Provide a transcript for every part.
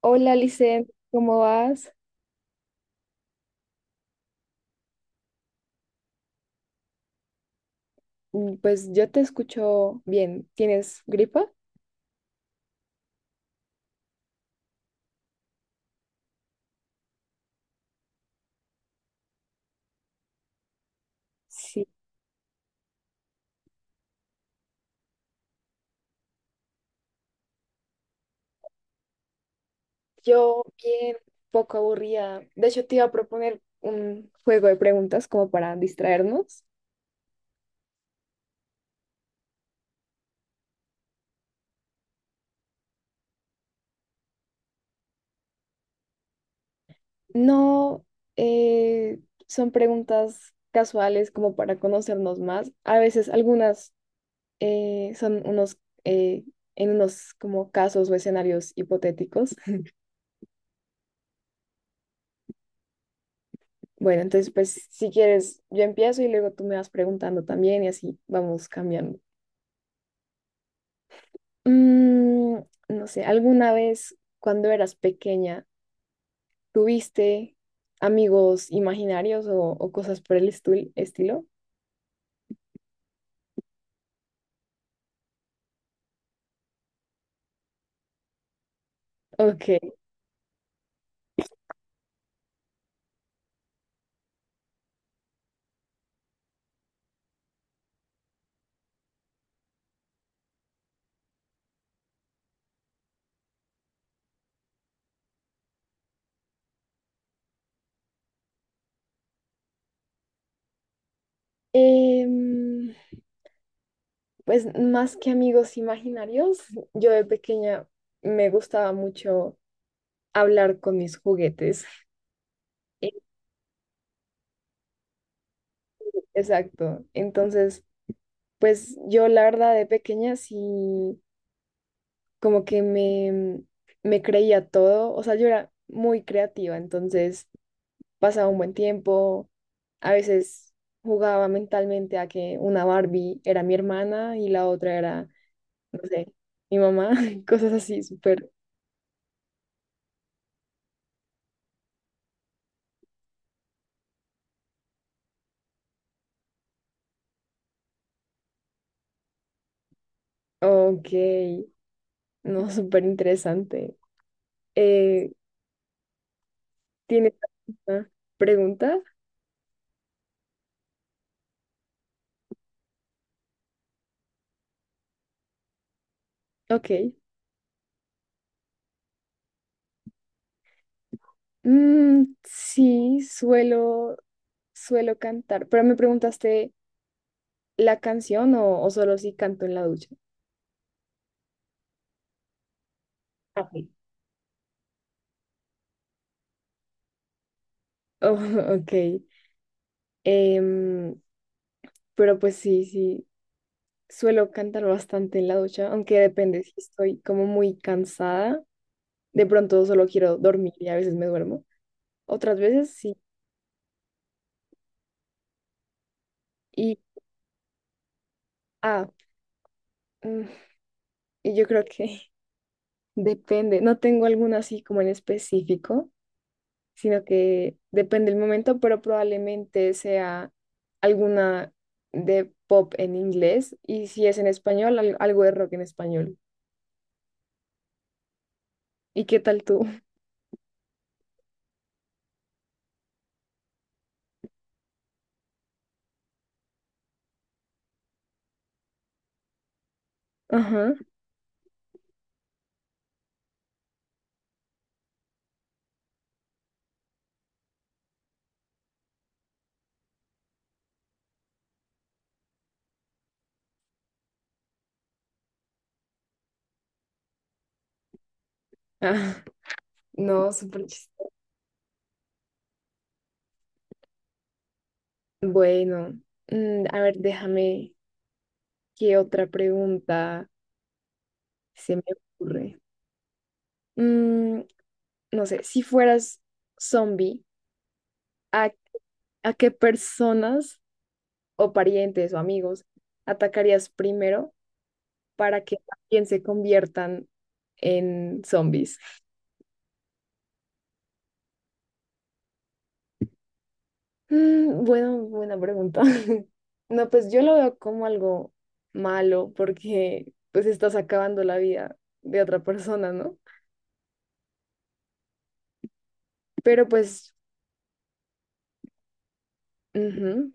Hola, Lice, ¿cómo vas? Mm, pues yo te escucho bien. ¿Tienes gripa? Sí, yo bien, poco aburrida. De hecho, te iba a proponer un juego de preguntas como para distraernos. No, eh, son preguntas casuales como para conocernos más. A veces algunas eh, son unos, eh, en unos como casos o escenarios hipotéticos. Bueno, entonces, pues si quieres, yo empiezo y luego tú me vas preguntando también y así vamos cambiando. Mm, no sé, ¿alguna vez cuando eras pequeña tuviste amigos imaginarios o cosas por el estilo? Ok. Em, pues más que amigos imaginarios, yo de pequeña me gustaba mucho hablar con mis juguetes. Exacto. Entonces, pues yo la verdad de pequeña sí. Como que me creía todo, o sea, yo era muy creativa, entonces pasaba un buen tiempo, a veces jugaba mentalmente a que una Barbie era mi hermana y la otra era, no sé, mi mamá, cosas así, súper, ok, no, súper interesante. Eh, ¿Tienes alguna pregunta? Ok. Mm, sí, suelo cantar, pero me preguntaste la canción o solo si canto en la ducha. Ok. Oh, ok. Em, pero pues sí, sí, suelo cantar bastante en la ducha, aunque depende si estoy como muy cansada. De pronto solo quiero dormir y a veces me duermo. Otras veces sí. Y, ah, mm, y yo creo que depende. No tengo alguna así como en específico, sino que depende el momento, pero probablemente sea alguna de pop en inglés y si es en español, algo de rock en español. ¿Y qué tal tú? Ajá. Ah, no, súper chistoso. Bueno, a ver, ¿qué otra pregunta se me ocurre? Mm, no sé, si fueras zombie, ¿a, a qué personas o parientes o amigos atacarías primero para que también se conviertan en zombies? Mm, bueno, buena pregunta. No, pues yo lo veo como algo malo porque pues estás acabando la vida de otra persona, ¿no? Pero pues, ujú,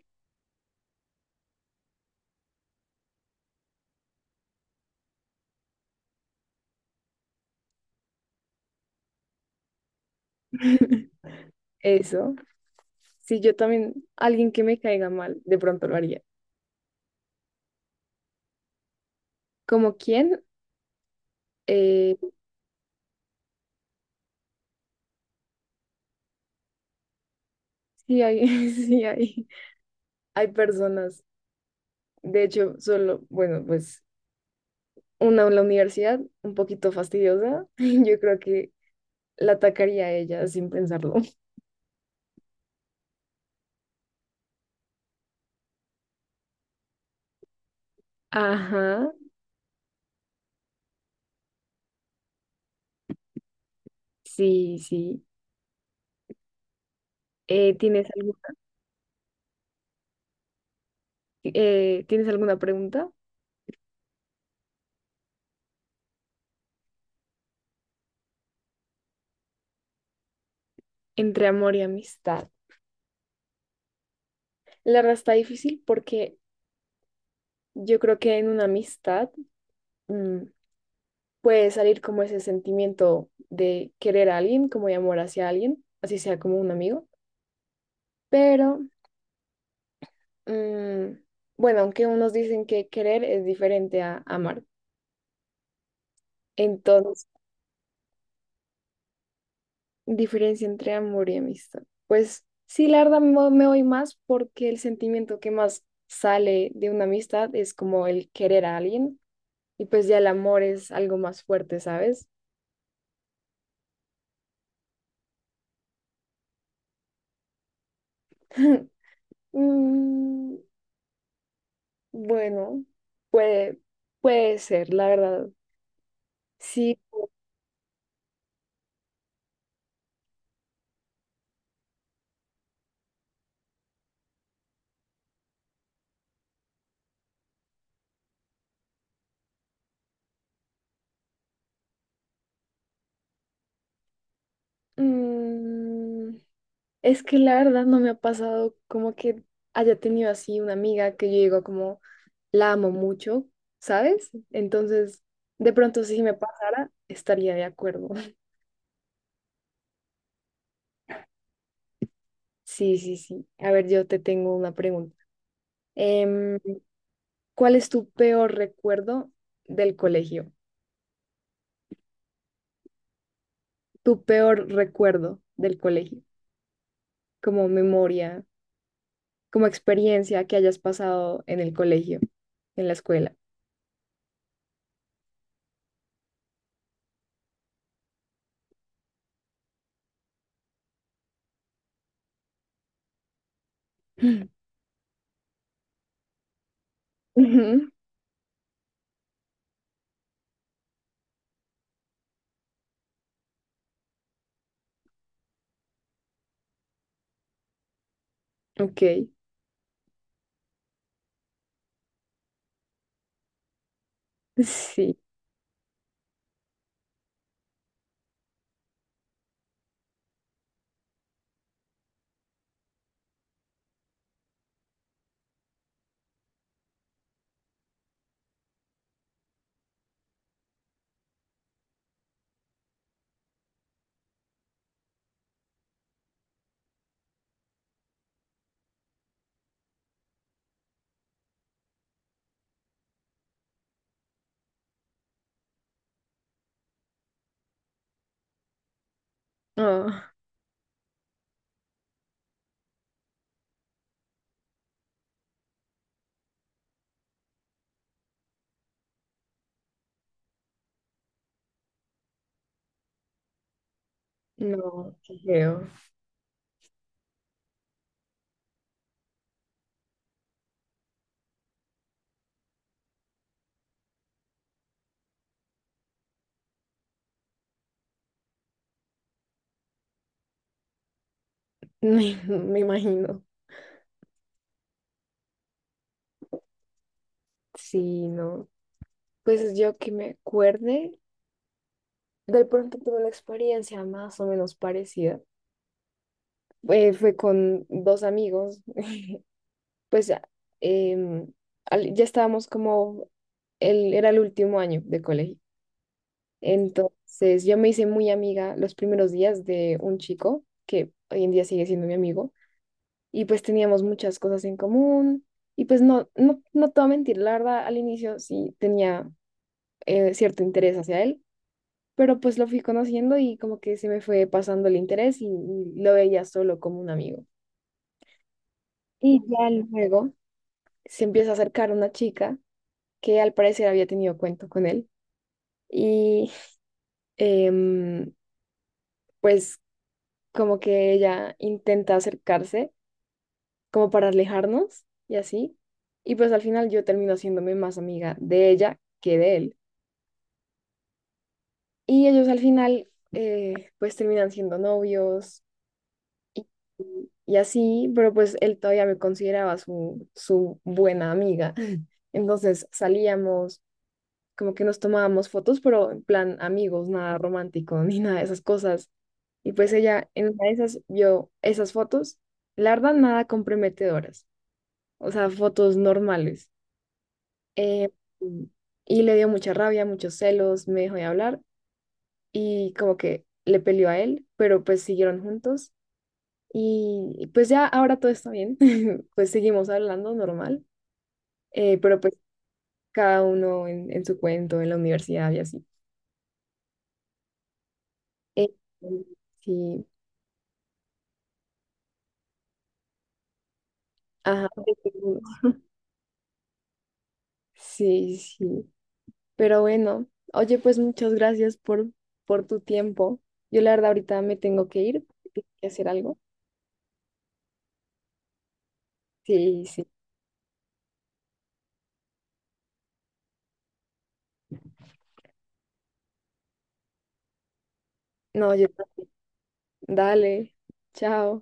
eso. Sí, yo también, alguien que me caiga mal, de pronto lo haría. ¿Como quién? Eh, sí hay, sí hay personas. De hecho, solo, bueno, pues una en la universidad, un poquito fastidiosa. Yo creo que la atacaría a ella sin pensarlo. Ajá. Sí, sí. Eh, ¿tienes alguna, ¿Tienes alguna pregunta? Entre amor y amistad. La verdad está difícil porque yo creo que en una amistad mm, puede salir como ese sentimiento de querer a alguien, como de amor hacia alguien, así sea como un amigo. Pero mm, bueno, aunque unos dicen que querer es diferente a amar. Entonces. Diferencia entre amor y amistad. Pues sí, la verdad me voy más porque el sentimiento que más sale de una amistad es como el querer a alguien y pues ya el amor es algo más fuerte, ¿sabes? Mm, bueno, puede, puede ser, la verdad. Sí, mm, es que la verdad no me ha pasado como que haya tenido así una amiga que yo digo como... la amo mucho, ¿sabes? Entonces, de pronto si me pasara, estaría de acuerdo. Sí, sí, sí. A ver, yo te tengo una pregunta. Em, ¿Cuál es tu peor recuerdo del colegio? Tu peor recuerdo del colegio, como memoria, como experiencia que hayas pasado en el colegio, en la escuela. Ujú, ok, sí. Ah, no, qué feo. Me imagino. Sí, no. Pues yo que me acuerde, de pronto tuve una experiencia más o menos parecida. Fue con dos amigos, pues ya, em, ya estábamos como, el, era el último año de colegio. Entonces yo me hice muy amiga los primeros días de un chico que hoy en día sigue siendo mi amigo y pues teníamos muchas cosas en común y pues no te voy a mentir, la verdad al inicio sí tenía cierto interés hacia él pero pues lo fui conociendo y como que se me fue pasando el interés y lo veía solo como un amigo. Y ya luego se empieza a acercar una chica que al parecer había tenido cuento con él y em, pues como que ella intenta acercarse como para alejarnos y así. Y pues al final yo termino haciéndome más amiga de ella que de él. Y ellos al final pues terminan siendo novios. Y, y así, pero pues él todavía me consideraba su buena amiga. Entonces salíamos, como que nos tomábamos fotos, pero en plan amigos, nada romántico ni nada de esas cosas. Y pues ella en una de esas vio esas fotos, la verdad, nada comprometedoras, o sea, fotos normales. Eh, mm, y le dio mucha rabia, muchos celos, me dejó de hablar y como que le peleó a él, pero pues siguieron juntos. Y pues ya ahora todo está bien, pues seguimos hablando normal, pero pues cada uno en su cuento, en la universidad y así. Eh, sí, ajá, sí, sí. Pero bueno, oye, pues muchas gracias por tu tiempo. Yo la verdad ahorita me tengo que ir, tengo que hacer algo. Sí, sí. No, yo, dale, chao.